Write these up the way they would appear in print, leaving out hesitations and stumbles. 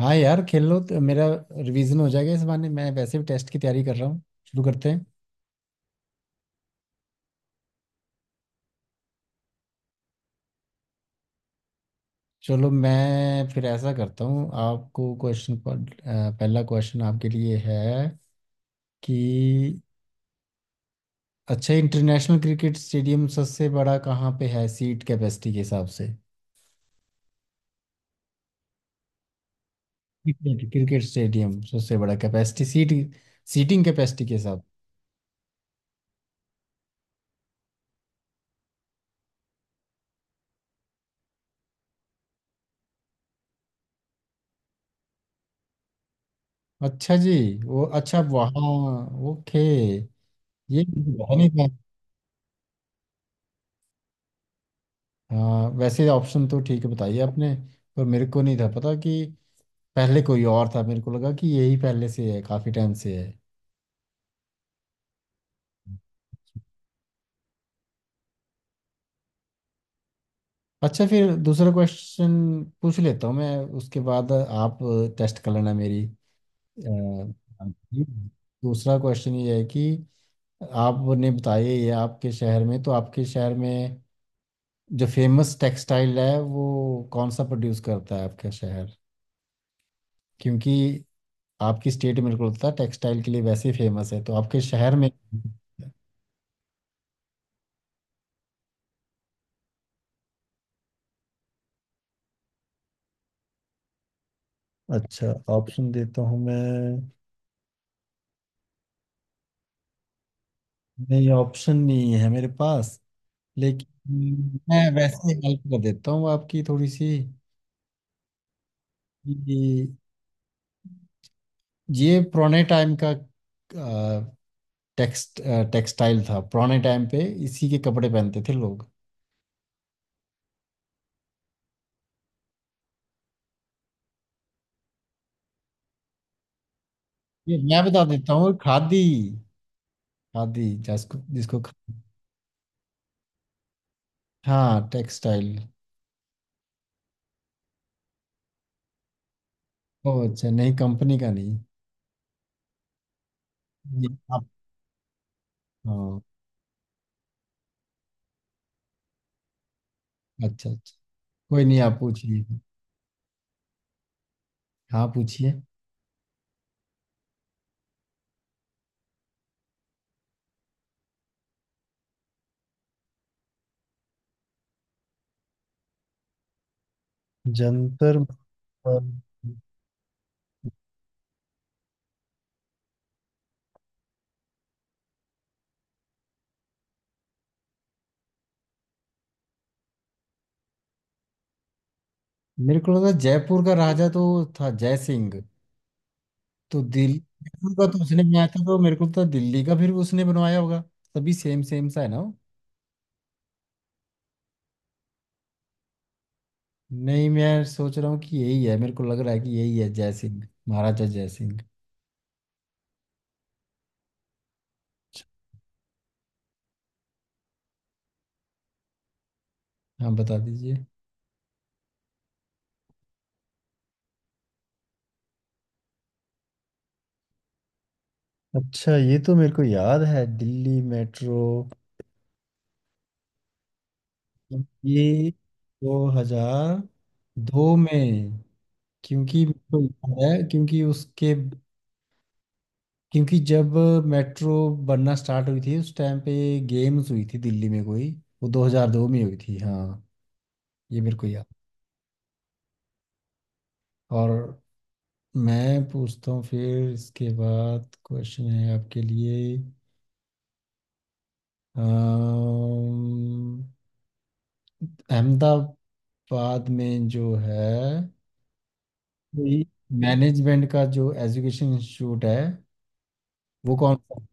हाँ यार, खेल लो तो मेरा रिवीजन हो जाएगा इस बहाने। मैं वैसे भी टेस्ट की तैयारी कर रहा हूँ। शुरू करते हैं। चलो, मैं फिर ऐसा करता हूँ, आपको क्वेश्चन, पहला क्वेश्चन आपके लिए है कि अच्छा, इंटरनेशनल क्रिकेट स्टेडियम सबसे बड़ा कहाँ पे है सीट कैपेसिटी के हिसाब से? क्रिकेट क्रिकेट स्टेडियम सबसे बड़ा, कैपेसिटी, सीट, सीटिंग कैपेसिटी के हिसाब। अच्छा जी। वो अच्छा, वहाँ। ओके। ये मुझे पता नहीं। हाँ, वैसे ऑप्शन तो ठीक बताइए आपने, पर मेरे को नहीं था पता कि पहले कोई और था। मेरे को लगा कि यही पहले से है, काफ़ी टाइम से है। अच्छा, फिर दूसरा क्वेश्चन पूछ लेता हूँ मैं, उसके बाद आप टेस्ट कर लेना मेरी। अ, दूसरा क्वेश्चन ये है कि आपने बताया ये आपके शहर में, तो आपके शहर में जो फेमस टेक्सटाइल है वो कौन सा प्रोड्यूस करता है आपका शहर? क्योंकि आपकी स्टेट मेरे को लगता है टेक्सटाइल के लिए वैसे ही फेमस है, तो आपके शहर में। अच्छा, ऑप्शन देता हूँ मैं। नहीं, ऑप्शन नहीं है मेरे पास, लेकिन मैं वैसे हेल्प कर देता हूँ आपकी थोड़ी सी कि ये पुराने टाइम का टेक्स्ट टेक्सटाइल था, पुराने टाइम पे इसी के कपड़े पहनते थे लोग। ये मैं बता देता हूँ, खादी। खादी, जिसको जिसको हाँ, टेक्सटाइल। ओ अच्छा, नहीं, कंपनी का नहीं। ये आप। हाँ, अच्छा अच्छा। कोई नहीं, आप पूछिए। हाँ, पूछिए। जंतर मंतर। मेरे को लगा जयपुर का राजा तो था जय सिंह, तो दिल। जयपुर का तो उसने बनाया था, तो मेरे को तो दिल्ली का फिर उसने बनवाया होगा। सभी सेम सेम सा है ना वो? नहीं, मैं सोच रहा हूँ कि यही है। मेरे को लग रहा है कि यही है, जय सिंह, महाराजा जय सिंह। हाँ, बता दीजिए। अच्छा, ये तो मेरे को याद है, दिल्ली मेट्रो। ये 2002 में, क्योंकि मेरे को याद है, क्योंकि उसके, क्योंकि जब मेट्रो बनना स्टार्ट हुई थी उस टाइम पे, गेम्स हुई थी दिल्ली में कोई, वो 2002 में हुई थी। हाँ, ये मेरे को याद। और मैं पूछता हूँ फिर, इसके बाद क्वेश्चन है आपके लिए। अम्म, अहमदाबाद में जो है, मैनेजमेंट का जो एजुकेशन इंस्टीट्यूट है, वो कौन सा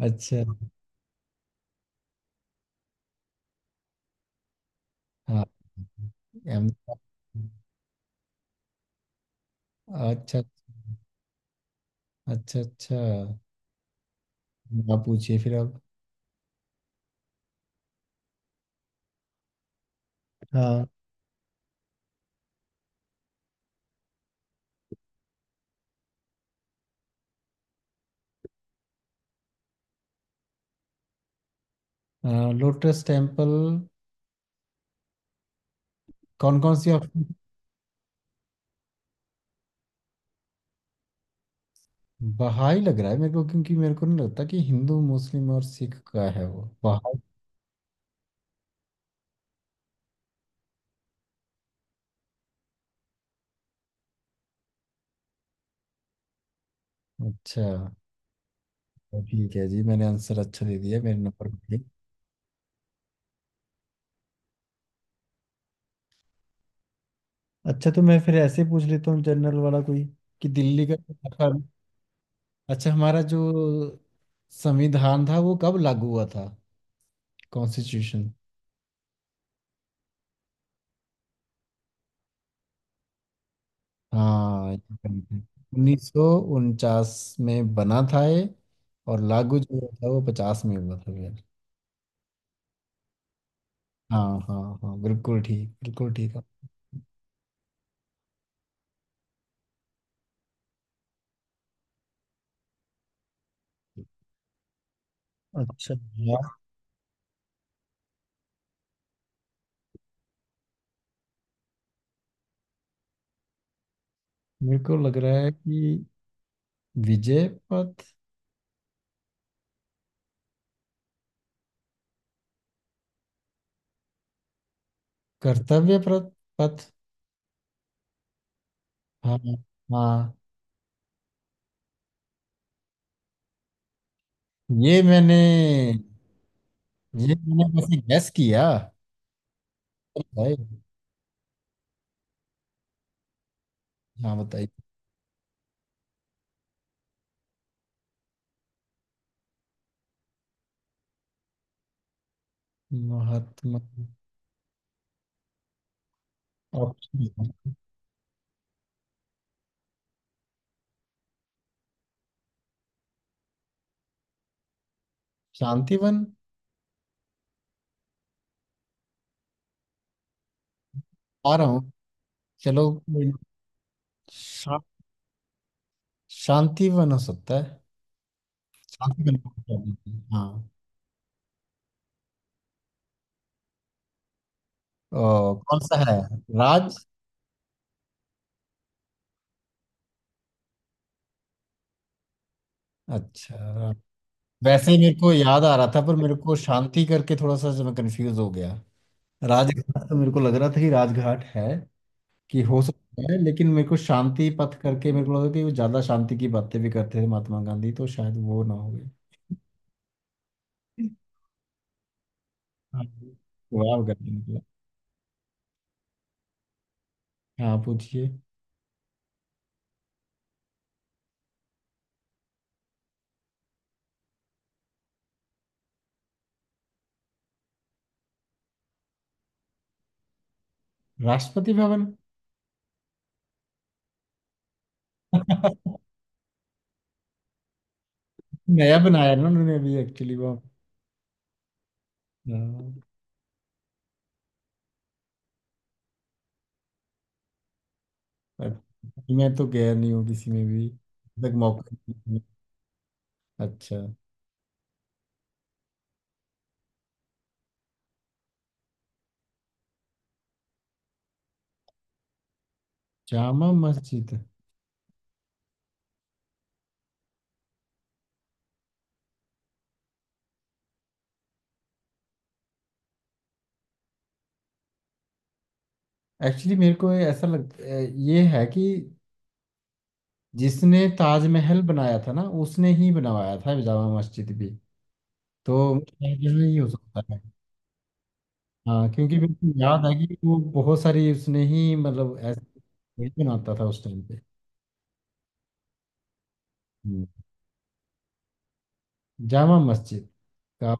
है? अच्छा। हाँ, अहमदाबाद। अच्छा अच्छा। अच्छा, आप पूछिए फिर अब। हाँ। Lotus temple. कौन कौन सी ऑप्शन? बहाई लग रहा है मेरे को, क्योंकि मेरे को नहीं लगता कि हिंदू, मुस्लिम और सिख का है वो, बहाई। अच्छा। ठीक है जी, मैंने आंसर अच्छा दे दिया मेरे नंबर पे। अच्छा, तो मैं फिर ऐसे पूछ लेता हूँ जनरल वाला कोई कि दिल्ली का अच्छा, हमारा जो संविधान था वो कब लागू हुआ था, कॉन्स्टिट्यूशन? हाँ, 1949 में बना था ये, और लागू जो हुआ था वो 50 में हुआ था यार। हाँ हाँ हाँ, बिल्कुल ठीक, बिल्कुल ठीक है। अच्छा यार। मेरे को लग रहा है कि विजय पथ। कर्तव्य प्रत- पथ। हाँ। हाँ, ये मैंने। ये मैंने वैसे गैस किया भाई। हाँ, बताइए। महात्मा। ऑप्शन। शांतिवन। आ रहा हूँ। चलो कोई नहीं। शांति वन हो सकता है। शांति वन हो सकता है। हाँ। ओ, कौन सा है? राज। अच्छा, राज। वैसे ही मेरे को याद आ रहा था, पर मेरे को शांति करके थोड़ा सा जो मैं कंफ्यूज हो गया। राजघाट तो मेरे को लग रहा था कि राजघाट है कि हो सकता है, लेकिन मेरे को शांति पथ करके मेरे को लगा कि वो ज्यादा शांति की बातें भी करते थे महात्मा गांधी, तो शायद वो ना हो गए। हाँ, वाह करके निकला। हाँ, पूछिए। राष्ट्रपति भवन। नया बनाया ना उन्होंने अभी एक्चुअली वो। हाँ। अब मैं तो गया नहीं हूँ किसी में भी, तक मौका नहीं मिला। अच्छा। जामा मस्जिद। एक्चुअली मेरे को ये ऐसा लग, ये है कि जिसने ताजमहल बनाया था ना, उसने ही बनवाया था जामा मस्जिद भी, तो शायद यह ही हो सकता है। हाँ, क्योंकि मेरे को याद है कि वो बहुत सारी उसने ही मतलब ऐसे वही बनाता था उस टाइम पे। हम्म। जामा मस्जिद का।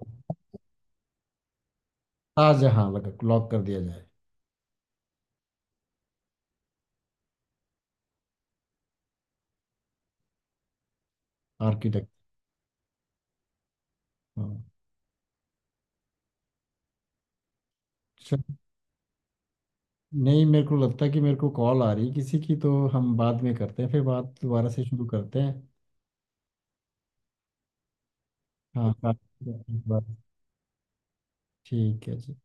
ताजहां लग, लॉक कर दिया जाए। आर्किटेक्ट। हाँ। नहीं, मेरे को लगता है कि मेरे को कॉल आ रही है किसी की, तो हम बाद में करते हैं, फिर बात दोबारा से शुरू करते हैं। हाँ बात- ठीक है जी।